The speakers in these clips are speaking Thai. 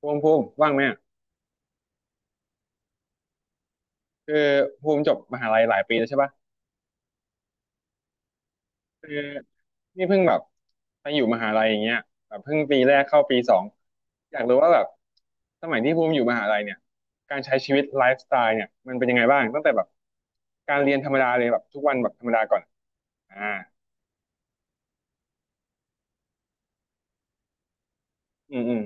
ภูมิว่างไหมอะคือภูมิจบมหาลัยหลายปีแล้วใช่ปะคือนี่เพิ่งแบบไปอยู่มหาลัยอย่างเงี้ยแบบเพิ่งปีแรกเข้าปีสองอยากรู้ว่าแบบสมัยที่ภูมิอยู่มหาลัยเนี่ยการใช้ชีวิตไลฟ์สไตล์เนี่ยมันเป็นยังไงบ้างตั้งแต่แบบการเรียนธรรมดาเลยแบบทุกวันแบบธรรมดาก่อนอ่าอืมอืม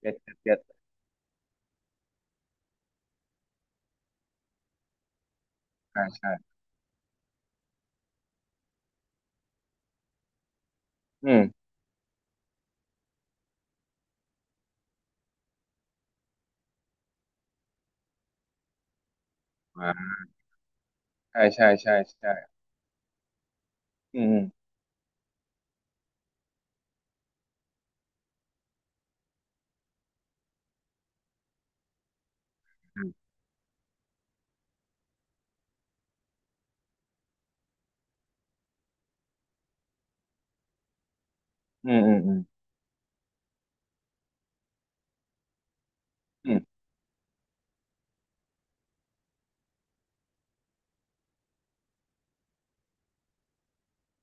เจ็ดเจ็ดเจ็ดใช่ใช่อืมอ่าใช่ใช่ใช่ใช่อืมอืมอืมอืมอืมอืม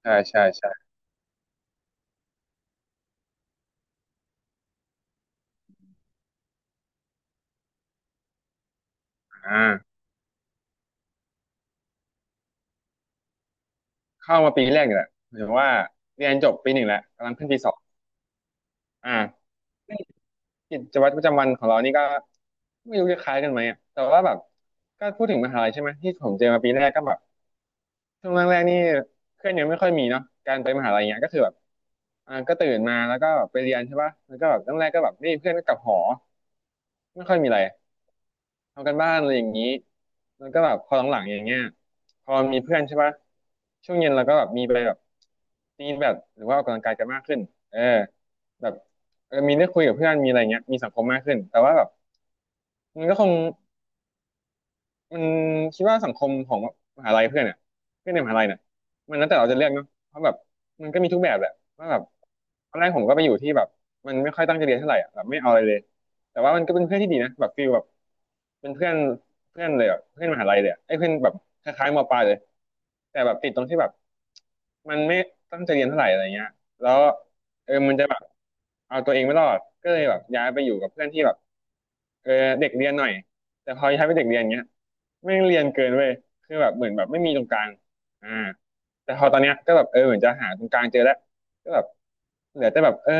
ใช่ใช่ใช่อ่า เข้ามาปีแรกอยู่แหละหมายถึงว่าเรียนจบปีหนึ่งแล้วกำลังขึ้นปีสองอ่ากิจวัตรประจำวันของเรานี่ก็ไม่รู้จะคล้ายกันไหมอ่ะแต่ว่าแบบก็พูดถึงมหาลัยใช่ไหมที่ผมเจอมาปีแรกก็แบบช่วงแรกๆนี่เพื่อนยังไม่ค่อยมีเนาะการไปมหาลัยเงี้ยก็คือแบบอ่าก็ตื่นมาแล้วก็ไปเรียนใช่ป่ะแล้วก็แบบตั้งแรกก็แบบไม่เพื่อนก็กลับหอไม่ค่อยมีอะไร ทำกันบ้านอะไรอย่างนี้แล้วก็แบบพอหลังๆอย่างเงี้ยพอมีเพื่อนใช่ปะช่วงเย็นเราก็แบบมีไปแบบตีแบดหรือว่าออกกำลังกายกันมากขึ้นเออแบบเออมีได้คุยกับเพื่อนมีอะไรเงี้ยมีสังคมมากขึ้นแต่ว่าแบบมันก็คง มันคิดว่าสังคมของมหาลัยเพื่อนเนี่ยเพื่อนในมหาลัยเนี่ยมันแล้วแต่เราจะเลือกเนาะเพราะแบบมันก็มีทุกแบบแหละว่าแบบตอนแรกผมก็ไปอยู่ที่แบบมันไม่ค่อยตั้งใจเรียนเท่าไหร่อ่ะแบบไม่เอาอะไรเลยแต่ว่ามันก็เป็นเพื่อนที่ดีนะแบบฟีลแบบเป็นเพื่อนเพื่อนเลยอ่ะเพื่อนมหาลัยเลยอะไอ้เพื่อนแบบคล้ายๆมปลายเลยแต่แบบติดตรงที่แบบมันไม่ตั้งใจเรียนเท่าไหร่อะไรเงี้ยแล้วเออมันจะแบบเอาตัวเองไม่รอดก็เลยแบบย้ายไปอยู่กับเพื่อนที่แบบเออเด็กเรียนหน่อยแต่พอย้ายไปเด็กเรียนเงี้ย ไม่งเรียนเกินเว้ยคือแบบเหมือนแบบไม่มีตรงกลางอ่าแต่พอตอนเนี้ยก็แบบเออเหมือนจะหาตรงกลางเจอแล้วก็แบบเหลือแต่แบบเออ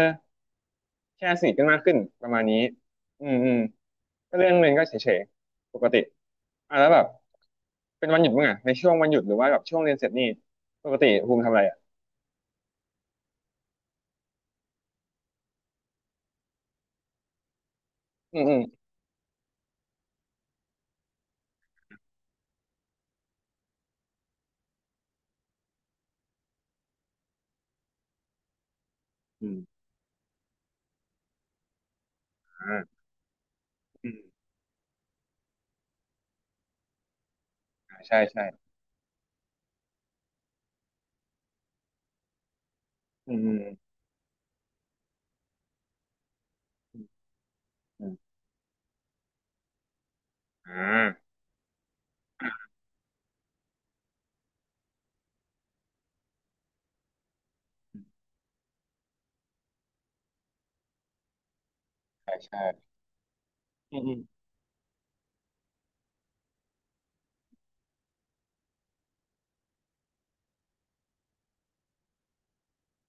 แค่สนิทกันมากขึ้นประมาณนี้อืมอืมก็เรื่องเรียนก็เฉยๆปกติอ่ะแล้วแบบเป็นวันหยุดมั้งอ่ะในช่วงวันหยุดหรือว่าแบบช่วงเรียนเสร็จนี่ปกติภูมิทำอะไรอ่ะอืมอืมอืมอ่าอืมอ่าใช่ใช่อืมอืมอืมอืมอ่าใช่ใช่อืมอืม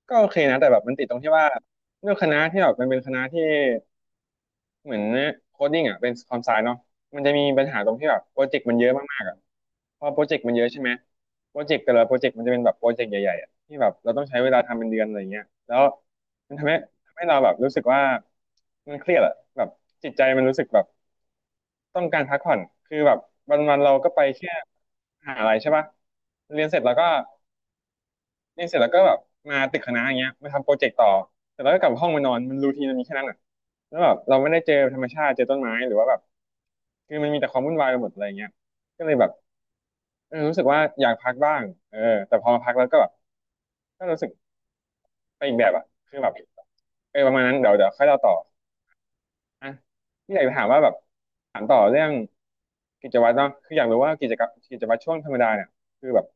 ก็โอเคนะแต่แบบมันติดตรงที่ว่าด้วยคณะที่แบบมันเป็นคณะที่ เหมือนโคดดิ้งอ่ะเป็นคอมไซเนาะมันจะมีปัญหาตรงที่แบบโปรเจกต์มันเยอะมากๆอ่ะเพราะโปรเจกต์มันเยอะใช่ไหมโปรเจกต์แต่ละโปรเจกต์มันจะเป็นแบบโปรเจกต์ใหญ่ๆอ่ะที่แบบเราต้องใช้เวลาทำเป็นเดือนอะไรเงี้ยแล้วมันทำให้เราแบบรู้สึกว่ามันเครียดอ่ะแบบจิตใจมันรู้สึกแบบต้องการพักผ่อนคือแบบวันๆเราก็ไปแค่มหาอะไรใช่ปะเรียนเสร็จแล้วก็ เียเสร็จแล้วก็แบบมาตึกคณะอย่างเงี้ยมาทำโปรเจกต์ต่อเสร็จแล้วก็กลับห้องมานอนมันรูทีนมันมีแค่นั้นอ่ะแล้วแบบเราไม่ได้เจอธรรมชาติเจอต้นไม้หรือว่าแบบคือมันมีแต่ความวุ่นวายไปหมดอะไรเงี้ยก็เลยแบบเออรู้สึกว่าอยากพักบ้างเออแต่พอมาพักแล้วก็แบบก็รู้สึกไปอีกแบบอ่ะคือแบบเออประมาณนั้นเดี๋ยวค่อยเล่าต่ออ่ะพี่อยากจะถามว่าแบบถามต่อเรื่องกิจวัตรเนาะคืออยากรู้ว่ากิจกรรมกิจวัตรช่วงธรรมดาเนี่ยคือแบบ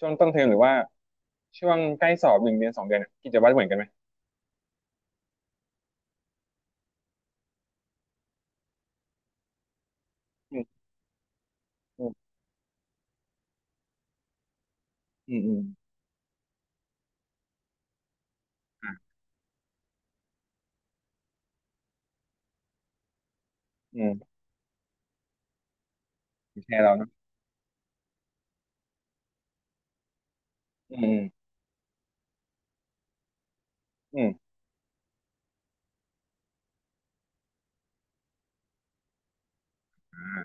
ช่วงต้นเทอมหรือว่าช่วงใกล้สอบหนึ่งเดือนสองเดือนเนี่ยกิจวัตรเหมือนกันไหม อืมอืมอืมอ่ะอืมแชร์เราเนาะอืมอืมอมอ่า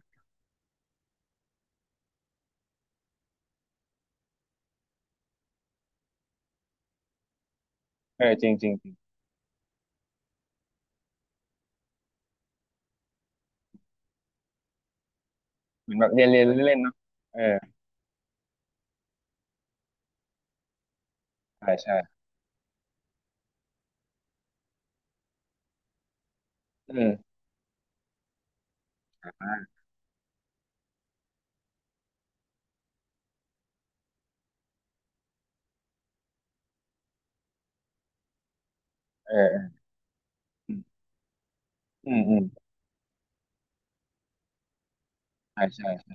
เออจริงจริงจริงเหมือนแบบเรียนเรียนเล่นๆเนาะเออใช่ใช่อืมอ่าเออเอือืมอืมใช่ใช่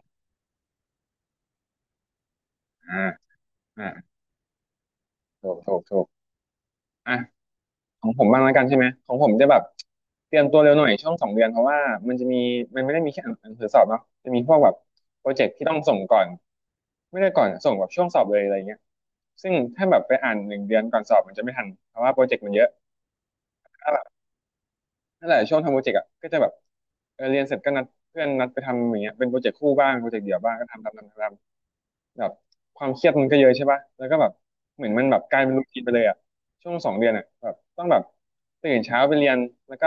อ่าอ่าถูกถูกถูกอ่ะของผมบ้างแล้วกันใช่ไหมของผมจะแบบเตรียมตัวเร็วหน่อยช่วงสองเดือนเพราะว่ามันจะมีมันไม่ได้มีแค่อ่านหนังสือสอบเนาะจะมีพวกแบบโปรเจกต์ที่ต้องส่งก่อนไม่ได้ก่อนส่งแบบช่วงสอบเลยอะไรเงี้ยซึ่งถ้าแบบไปอ่านหนึ่งเดือนก่อนสอบมันจะไม่ทันเพราะว่าโปรเจกต์มันเยอะ นั่นแหละช่วงทำโปรเจกต์อ่ะก็จะแบบเออเรียนเสร็จก็นัดเพื่อนนัดไปทำอย่างเงี้ยเป็นโปรเจกต์คู่บ้างโปรเจกต์เดี่ยวบ้างก็ทำทำทำทำแบบความเครียดมันก็เยอะใช่ป่ะแล้วก็แบบเหมือนมันแบบกลายเป็นรูทีนไปเลยอ่ะช่วงสองเดือนอ่ะแบบต้องแบบตื่นเช้าไปเรียนแล้วก็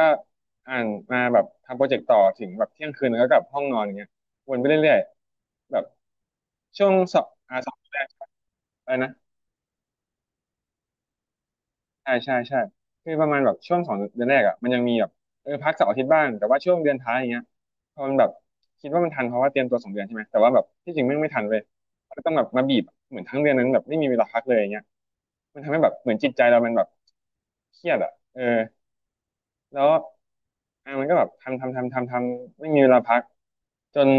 อ่านมาแบบทำโปรเจกต์ต่อถึงแบบเที่ยงคืนแล้วก็กลับห้องนอนอย่างเงี้ยวนไปเรื่อยๆแบบช่วงสอบอ่าสอบแรกอะไรนะ ใช่ใช่ใช่คือประมาณแบบช่วงสองเดือนแรกอ่ะมันยังมีแบบเออพักเสาร์อาทิตย์บ้างแต่ว่าช่วงเดือนท้ายอย่างเงี้ยพอมันแบบคิดว่ามันทันเพราะว่าเตรียมตัวสองเดือนใช่ไหมแต่ว่าแบบที่จริงแม่งไม่ทันเลยก็ต้องแบบมาบีบเหมือนทั้งเดือนนั้นแบบไม่มีเวลาพักเลยอย่างเงี้ยมันทำให้แบบเหมือนจิตใจเรามันแบบเครียดอ่ะเออแล้วมันก็แบบทำทำทำทำทำไม่มีเวลาพักจน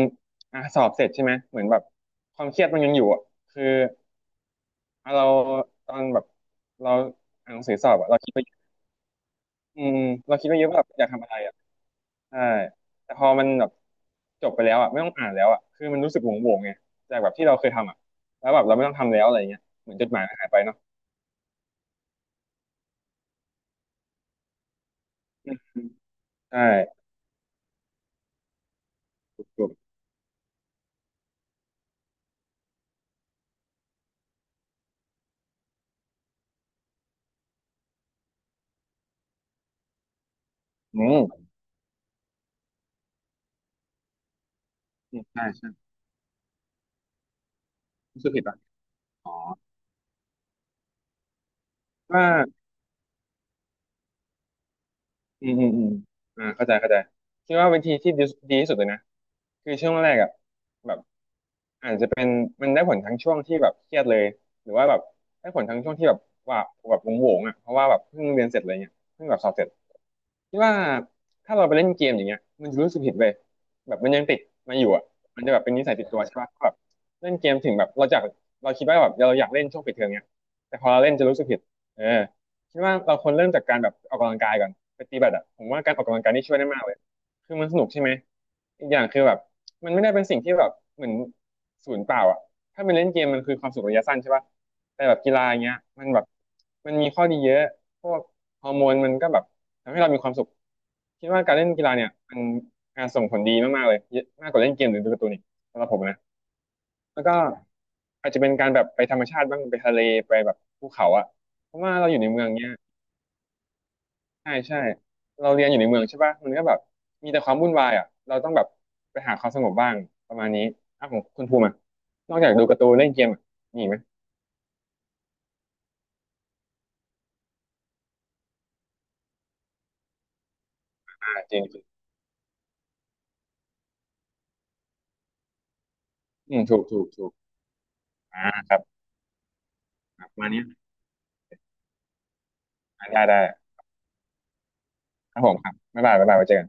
อ่ะสอบเสร็จใช่ไหมเหมือนแบบความเครียดมันยังอยู่อ่ะคืออ่ะเราตอนแบบเราอ่านหนังสือสอบอ่ะเราคิดไป อืมเราคิดไว้เยอะว่าแบบอยากทำอะไรอ่ะใช่แต่พอมันแบบจบไปแล้วอ่ะไม่ต้องอ่านแล้วอ่ะคือมันรู้สึกโหวงๆไงจากแบบที่เราเคยทำอ่ะแล้วแบบเราไม่ต้องทำแล้วอะไรเงี้ยเหมือนจดหมายมันหายไปเนาะใช่ถูกอืมอืมใช่ใช่รู้สึกผิดป่ะอ๋อว่าอืมอืมอืมอ่าเข้าใจเข้าใจคิดว่าวิธีที่ดีดีที่สุดเลยนะคือช่วงแรกอ่ะแบบอาจจะเป็นมันได้ผลทั้งช่วงที่แบบเครียดเลยหรือว่าแบบได้ผลทั้งช่วงที่แบบว่าแบบโหวงๆอ่ะเพราะว่าแบบเพิ่งเรียนเสร็จอะไรเงี้ยเพิ่งแบบสอบเสร็จ คิดว่าถ้าเราไปเล่นเกมอย่างเงี้ยมันจะรู้สึกผิดเลยแบบมันยังติดมาอยู่อ่ะมันจะแบบเป็นนิสัยติดตัวใช่ปะแบบเล่นเกมถึงแบบเราจากเราคิดว่าแบบเราอยากเล่นช่วงปิดเทอมเนี้ยแต่พอเราเล่นจะรู้สึกผิดเออคิดว่าเราควรเริ่มจากการแบบออกกำลังกายก่อนไปตีแบดอ่ะผมว่าการออกกำลังกายนี่ช่วยได้มากเลยคือมันสนุกใช่ไหมอีกอย่างคือแบบมันไม่ได้เป็นสิ่งที่แบบเหมือนศูนย์เปล่าอ่ะถ้าเป็นเล่นเกมมันคือความสุขระยะสั้นใช่ปะ แต่แบบกีฬาอย่างเงี้ยมันแบบมันมีข้อดีเยอะพวกฮอร์โมนมันก็แบบทำให้เรามีความสุขคิดว่าการเล่นกีฬาเนี่ยมันการส่งผลดีมากๆเลยเยอะมากกว่าเล่นเกมหรือดูการ์ตูนอีกสำหรับผมนะแล้วก็อาจจะเป็นการแบบไปธรรมชาติบ้างไปทะเลไปแบบภูเขาอะเพราะว่าเราอยู่ในเมืองเนี้ยใช่ใช่เราเรียนอยู่ในเมืองใช่ป่ะมันก็แบบมีแต่ความวุ่นวายอะเราต้องแบบไปหาความสงบบ้างประมาณนี้อ่ะของคุณภูมิอะนอกจากดูการ์ตูนเล่นเกมอะมีอีกไหมอ่าจริงจริงอืมถูกถูกถูกอ่าประมาณนี้ ได้ได้ครับผมครับบ๊ายบายบ๊ายบายไว้เจอกัน